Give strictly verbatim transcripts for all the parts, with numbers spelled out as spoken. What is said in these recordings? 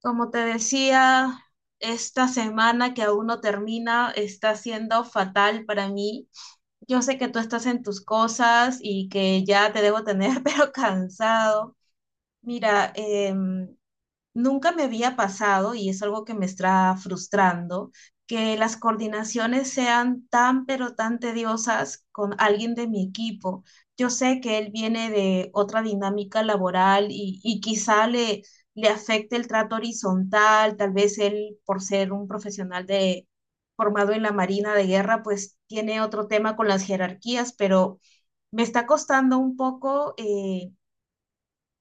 Como te decía, esta semana que aún no termina está siendo fatal para mí. Yo sé que tú estás en tus cosas y que ya te debo tener, pero cansado. Mira, em, nunca me había pasado, y es algo que me está frustrando, que las coordinaciones sean tan, pero tan tediosas con alguien de mi equipo. Yo sé que él viene de otra dinámica laboral y, y quizá le, le afecte el trato horizontal, tal vez él, por ser un profesional de, formado en la Marina de Guerra, pues tiene otro tema con las jerarquías, pero me está costando un poco, eh,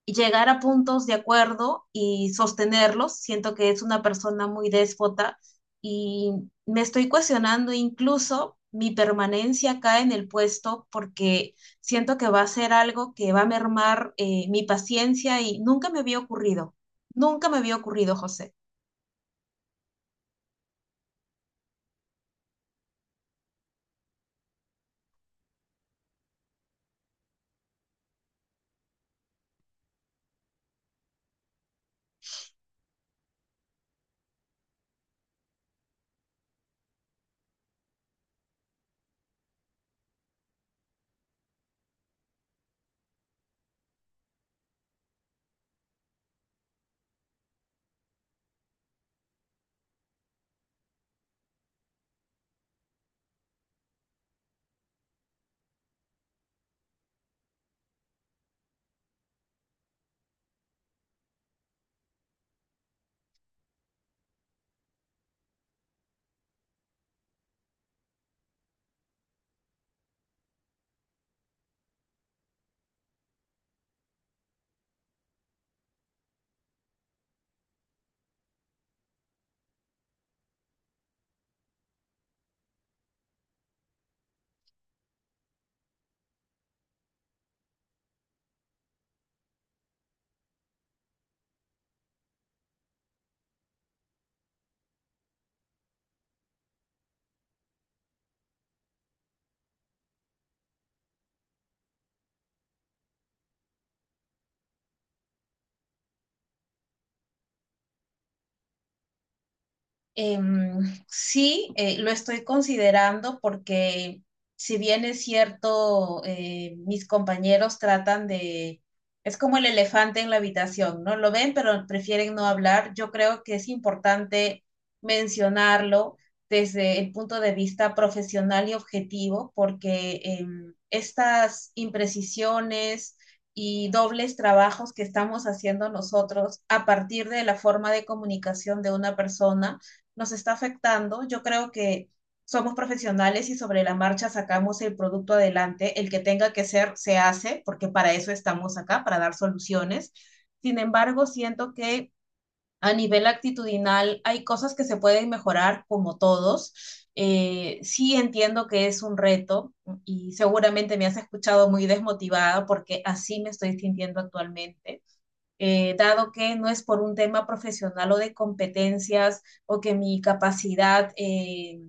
llegar a puntos de acuerdo y sostenerlos. Siento que es una persona muy déspota y me estoy cuestionando incluso mi permanencia acá en el puesto porque siento que va a ser algo que va a mermar eh, mi paciencia y nunca me había ocurrido. Nunca me había ocurrido, José. Em, sí, eh, lo estoy considerando porque si bien es cierto, eh, mis compañeros tratan de, es como el elefante en la habitación, ¿no? Lo ven, pero prefieren no hablar. Yo creo que es importante mencionarlo desde el punto de vista profesional y objetivo, porque em, estas imprecisiones y dobles trabajos que estamos haciendo nosotros a partir de la forma de comunicación de una persona, nos está afectando. Yo creo que somos profesionales y sobre la marcha sacamos el producto adelante. El que tenga que ser, se hace, porque para eso estamos acá, para dar soluciones. Sin embargo, siento que a nivel actitudinal hay cosas que se pueden mejorar como todos. Eh, sí, entiendo que es un reto y seguramente me has escuchado muy desmotivada porque así me estoy sintiendo actualmente, eh, dado que no es por un tema profesional o de competencias o que mi capacidad eh,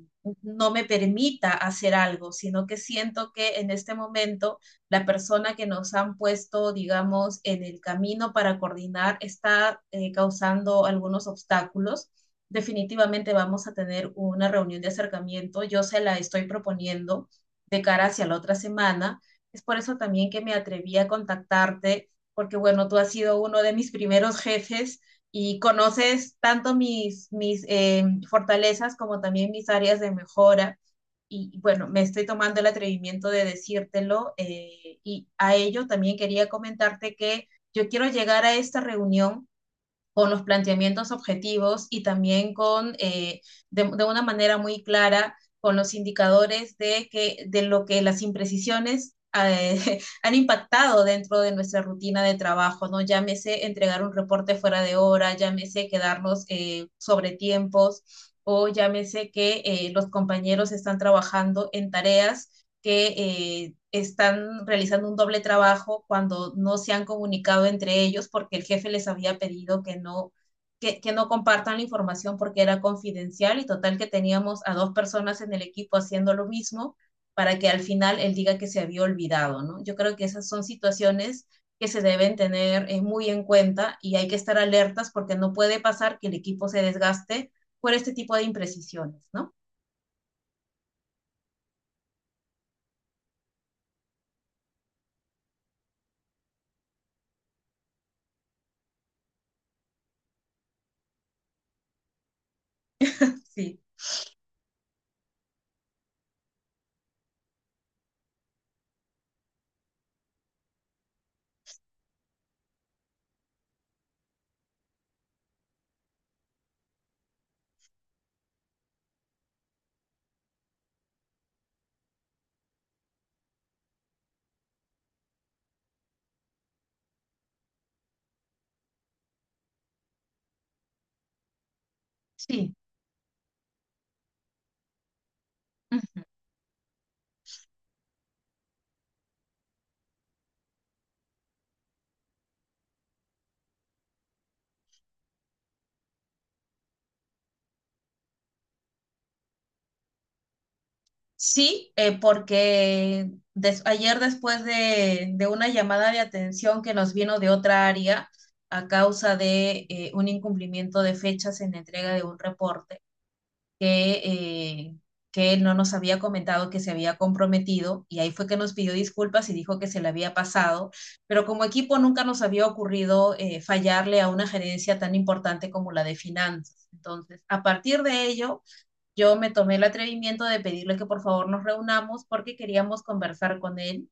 no me permita hacer algo, sino que siento que en este momento la persona que nos han puesto, digamos, en el camino para coordinar está eh, causando algunos obstáculos. Definitivamente vamos a tener una reunión de acercamiento. Yo se la estoy proponiendo de cara hacia la otra semana. Es por eso también que me atreví a contactarte porque bueno, tú has sido uno de mis primeros jefes y conoces tanto mis, mis eh, fortalezas como también mis áreas de mejora. Y bueno, me estoy tomando el atrevimiento de decírtelo, eh, y a ello también quería comentarte que yo quiero llegar a esta reunión con los planteamientos objetivos y también con, eh, de, de, una manera muy clara, con los indicadores de, que, de lo que las imprecisiones eh, han impactado dentro de nuestra rutina de trabajo, ¿no? Llámese entregar un reporte fuera de hora, llámese quedarnos eh, sobre tiempos o llámese que eh, los compañeros están trabajando en tareas que eh, están realizando un doble trabajo cuando no se han comunicado entre ellos porque el jefe les había pedido que no, que, que, no compartan la información porque era confidencial y total que teníamos a dos personas en el equipo haciendo lo mismo para que al final él diga que se había olvidado, ¿no? Yo creo que esas son situaciones que se deben tener eh, muy en cuenta y hay que estar alertas porque no puede pasar que el equipo se desgaste por este tipo de imprecisiones, ¿no? Sí. Sí. Sí, eh, porque des- ayer después de, de una llamada de atención que nos vino de otra área a causa de eh, un incumplimiento de fechas en la entrega de un reporte que, eh, que él no nos había comentado que se había comprometido y ahí fue que nos pidió disculpas y dijo que se le había pasado, pero como equipo nunca nos había ocurrido eh, fallarle a una gerencia tan importante como la de finanzas. Entonces, a partir de ello yo me tomé el atrevimiento de pedirle que por favor nos reunamos porque queríamos conversar con él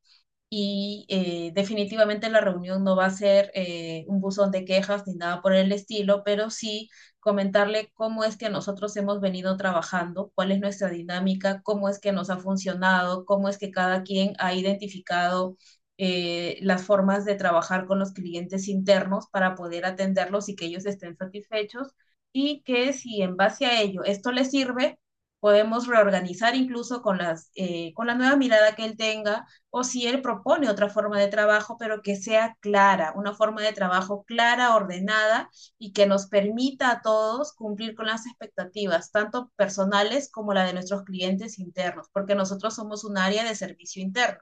y, eh, definitivamente la reunión no va a ser eh, un buzón de quejas ni nada por el estilo, pero sí comentarle cómo es que nosotros hemos venido trabajando, cuál es nuestra dinámica, cómo es que nos ha funcionado, cómo es que cada quien ha identificado eh, las formas de trabajar con los clientes internos para poder atenderlos y que ellos estén satisfechos y que si en base a ello esto les sirve, podemos reorganizar incluso con, las, eh, con la nueva mirada que él tenga o si él propone otra forma de trabajo, pero que sea clara, una forma de trabajo clara, ordenada y que nos permita a todos cumplir con las expectativas, tanto personales como la de nuestros clientes internos, porque nosotros somos un área de servicio interno.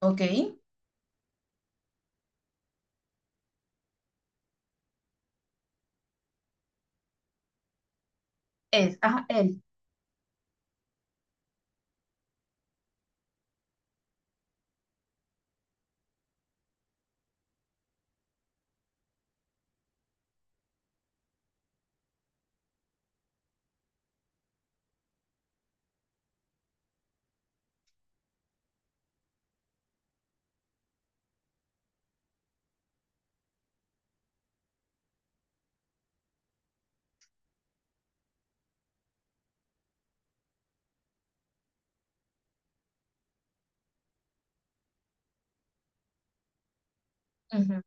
¿Ok? Es, ajá, él. Uh -huh.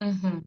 Uh -huh.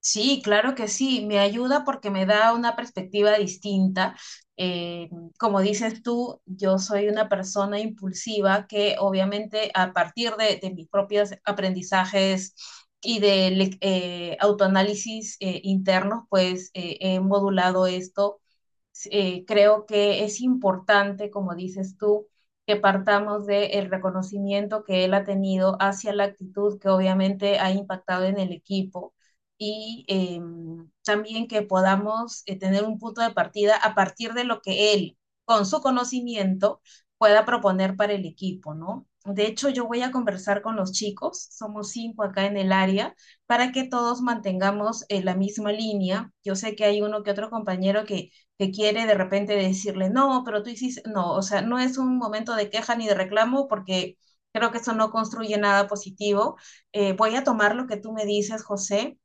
Sí, claro que sí, me ayuda porque me da una perspectiva distinta. Eh, Como dices tú, yo soy una persona impulsiva que obviamente a partir de, de mis propios aprendizajes y de le- eh, autoanálisis eh, internos, pues eh, he modulado esto. Sí, eh, creo que es importante, como dices tú, que partamos del reconocimiento que él ha tenido hacia la actitud que obviamente ha impactado en el equipo y, eh, también que podamos, eh, tener un punto de partida a partir de lo que él, con su conocimiento, pueda proponer para el equipo, ¿no? De hecho, yo voy a conversar con los chicos, somos cinco acá en el área, para que todos mantengamos eh, la misma línea. Yo sé que hay uno que otro compañero que que quiere de repente decirle, no, pero tú hiciste, no, o sea, no es un momento de queja ni de reclamo porque creo que eso no construye nada positivo. Eh, voy a tomar lo que tú me dices, José,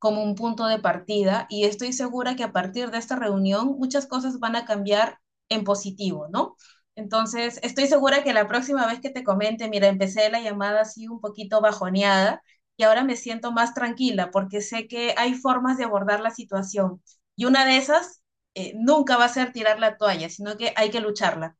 como un punto de partida y estoy segura que a partir de esta reunión muchas cosas van a cambiar en positivo, ¿no? Entonces, estoy segura que la próxima vez que te comente, mira, empecé la llamada así un poquito bajoneada y ahora me siento más tranquila porque sé que hay formas de abordar la situación. Y una de esas eh, nunca va a ser tirar la toalla, sino que hay que lucharla.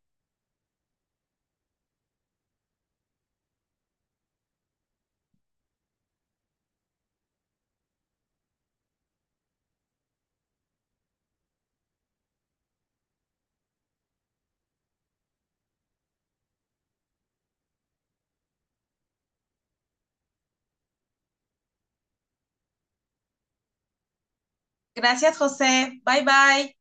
Gracias, José. Bye bye.